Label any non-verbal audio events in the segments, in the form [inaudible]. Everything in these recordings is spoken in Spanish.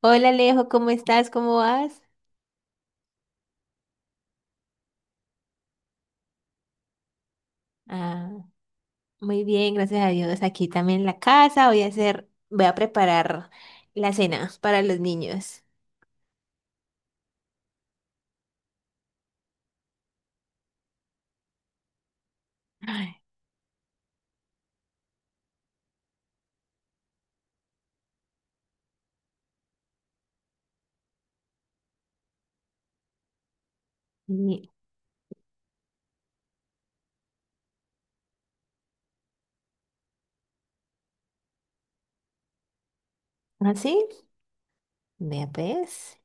Hola, Alejo, ¿cómo estás? ¿Cómo vas? Ah, muy bien, gracias a Dios. Aquí también en la casa voy a preparar la cena para los niños. Ay, y- ¿ah, sí? Vea pues,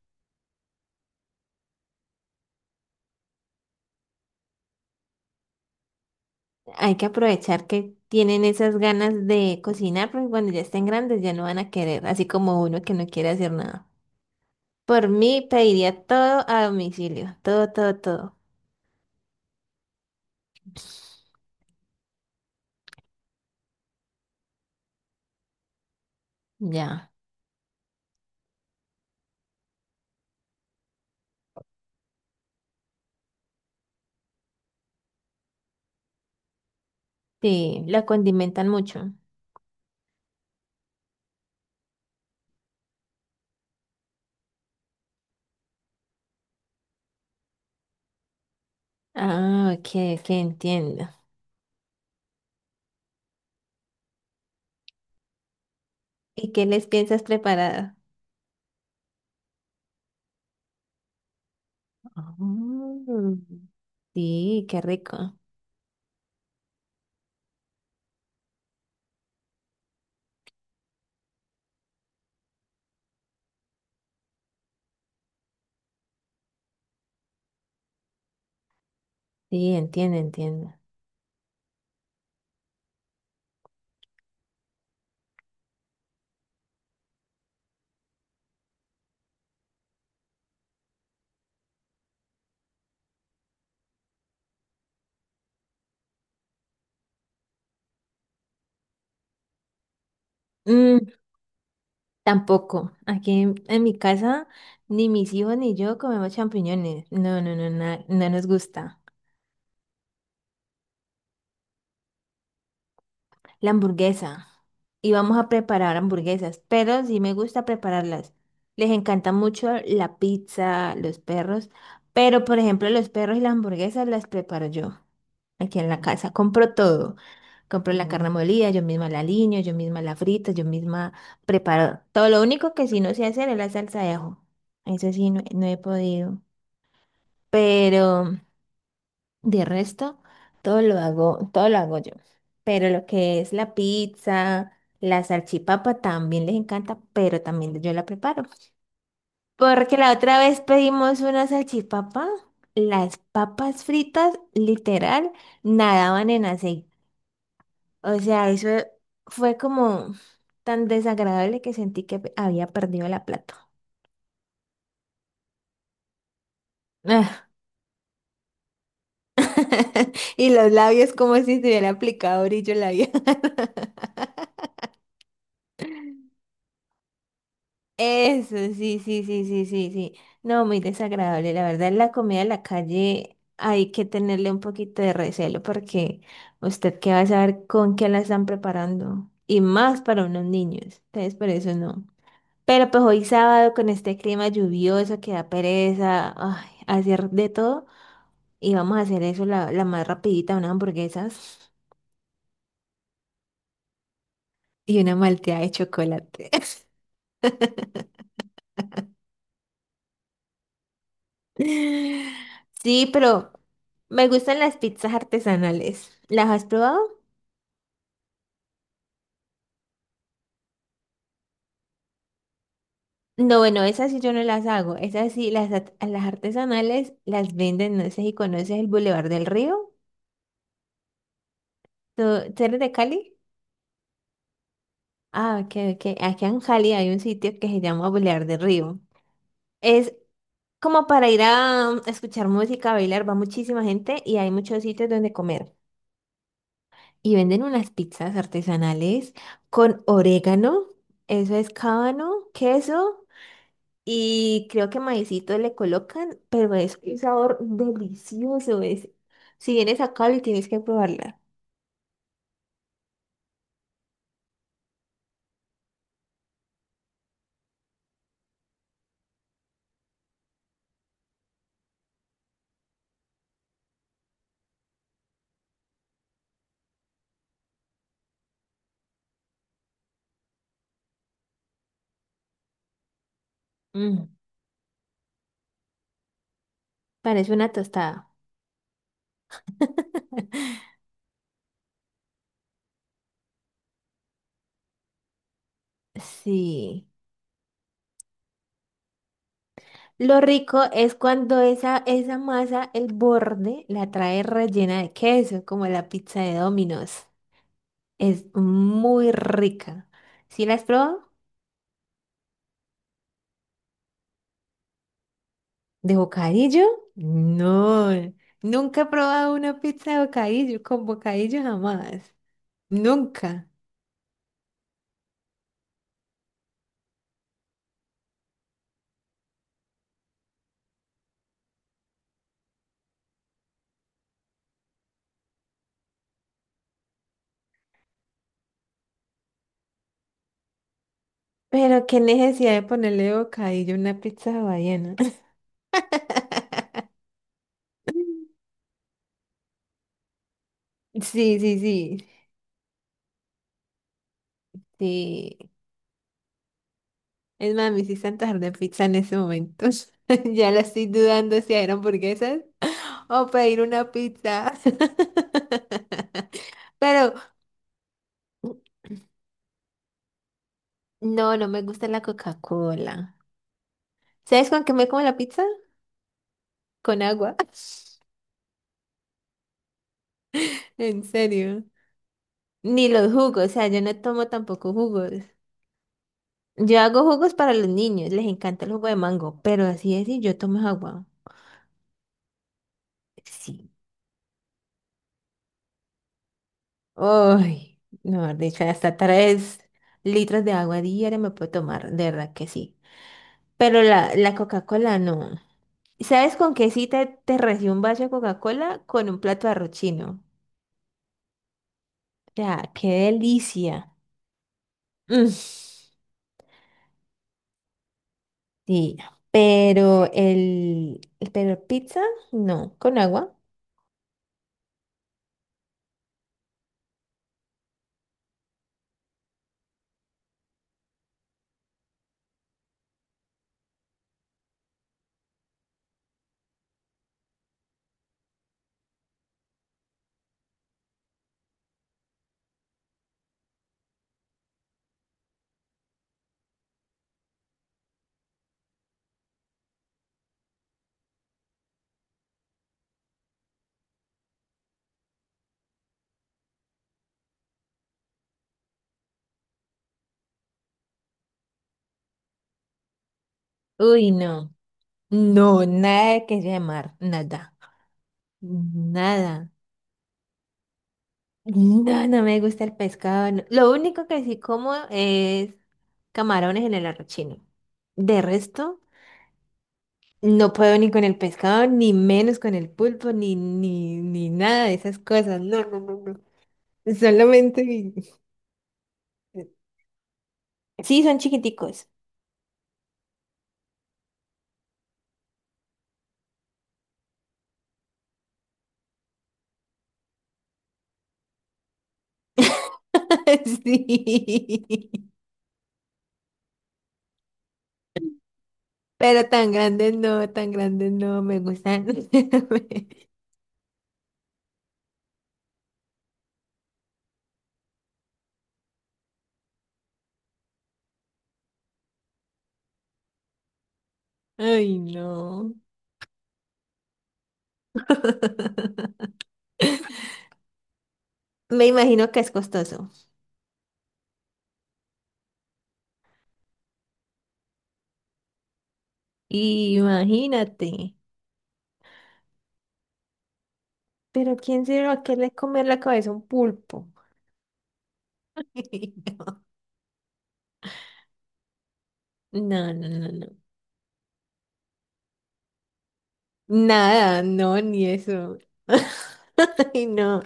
hay que aprovechar que tienen esas ganas de cocinar, porque cuando ya estén grandes ya no van a querer, así como uno que no quiere hacer nada. Por mí pediría todo a domicilio, todo, todo, todo. Ya, sí, la condimentan mucho. Ah, ok, que entiendo. ¿Y qué les piensas preparar? Mm, sí, qué rico. Sí, entiendo, entiendo. Mm, tampoco. Aquí en mi casa, ni mis hijos ni yo comemos champiñones. No, no, no, no nos gusta. La hamburguesa. Y vamos a preparar hamburguesas, pero sí me gusta prepararlas. Les encanta mucho la pizza, los perros, pero por ejemplo, los perros y las hamburguesas las preparo yo aquí en la casa. Compro todo. Compro la, mm, carne molida, yo misma la aliño, yo misma la frito, yo misma preparo todo. Lo único que sí no sé hacer es la salsa de ajo. Eso sí, no, no he podido. Pero de resto, todo lo hago yo. Pero lo que es la pizza, la salchipapa también les encanta, pero también yo la preparo. Porque la otra vez pedimos una salchipapa, las papas fritas, literal, nadaban en aceite. O sea, eso fue como tan desagradable que sentí que había perdido la plata. Ah, [laughs] y los labios como si se hubiera aplicado brillo labial. [laughs] Eso, sí, sí, sí, sí, sí, sí. No, muy desagradable. La verdad, la comida de la calle hay que tenerle un poquito de recelo porque usted qué va a saber con qué la están preparando. Y más para unos niños. Entonces, por eso no. Pero pues hoy sábado con este clima lluvioso que da pereza, ay, hacer de todo. Y vamos a hacer eso, la más rapidita, unas hamburguesas y una malteada de chocolate. [laughs] Sí, pero me gustan las pizzas artesanales. ¿Las has probado? No, bueno, esas sí yo no las hago. Esas sí, las, las artesanales las venden, no sé si conoces el Boulevard del Río. ¿Tú, tú eres de Cali? Ah, ok, ok. Aquí en Cali hay un sitio que se llama Boulevard del Río. Es como para ir a escuchar música, bailar, va muchísima gente y hay muchos sitios donde comer. Y venden unas pizzas artesanales con orégano, eso es cábano, queso y creo que maicito le colocan, pero es un sabor delicioso es. Si vienes a Cali tienes que probarla. Mm, parece una tostada. [laughs] Sí. Lo rico es cuando esa masa, el borde, la trae rellena de queso, como la pizza de Domino's. Es muy rica. ¿Sí la has probado? ¿De bocadillo? No, nunca he probado una pizza de bocadillo, con bocadillo jamás, nunca. Pero qué necesidad de ponerle bocadillo a una pizza hawaiana. [laughs] Sí, sí, sí, sí. Es más, me hiciste antojar de pizza en ese momento. [laughs] Ya la estoy dudando si eran hamburguesas [laughs] o pedir una pizza. [laughs] Pero no, no me gusta la Coca-Cola. ¿Sabes con qué me como la pizza? Con agua. [laughs] En serio. Ni los jugos, o sea, yo no tomo tampoco jugos. Yo hago jugos para los niños, les encanta el jugo de mango, pero así es y yo tomo agua. Sí. Uy, no, de hecho, hasta tres litros de agua diaria me puedo tomar, de verdad que sí. Pero la Coca-Cola no. ¿Sabes con qué sí te recibo un vaso de Coca-Cola? Con un plato de arroz chino. O sea, qué delicia. Mm, sí, pero pero pizza, no, con agua. Uy, no. No, nada de que sea de mar, nada, nada. No, no me gusta el pescado, no. Lo único que sí como es camarones en el arrochino. De resto, no puedo ni con el pescado, ni menos con el pulpo, ni, ni, ni nada de esas cosas. No, no, no, no. Solamente... Sí, son chiquiticos. [laughs] Sí. Pero tan grandes no, me gustan. [laughs] Ay, no. [laughs] Me imagino que es costoso. Imagínate. Pero ¿quién se va a querer comer la cabeza a un pulpo? [laughs] No, no, no, no. Nada, no, ni eso. [laughs] Ay, no.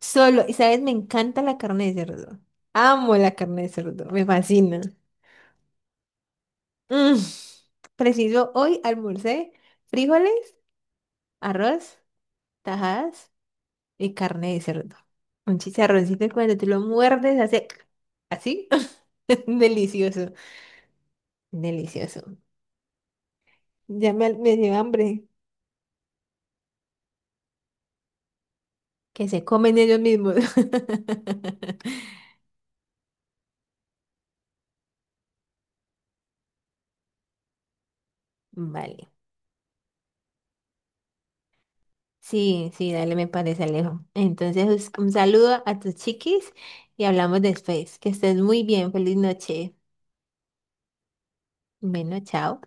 Solo, y sabes, me encanta la carne de cerdo. Amo la carne de cerdo, me fascina. Mm. Preciso, hoy almorcé frijoles, arroz, tajadas y carne de cerdo. Un chicharroncito cuando tú lo muerdes hace así. [laughs] Delicioso, delicioso. Ya me dio hambre. Que se comen ellos mismos. [laughs] Vale. Sí, sí, dale, me parece, Alejo. Entonces, un saludo a tus chiquis y hablamos después. Que estés muy bien. Feliz noche. Bueno, chao.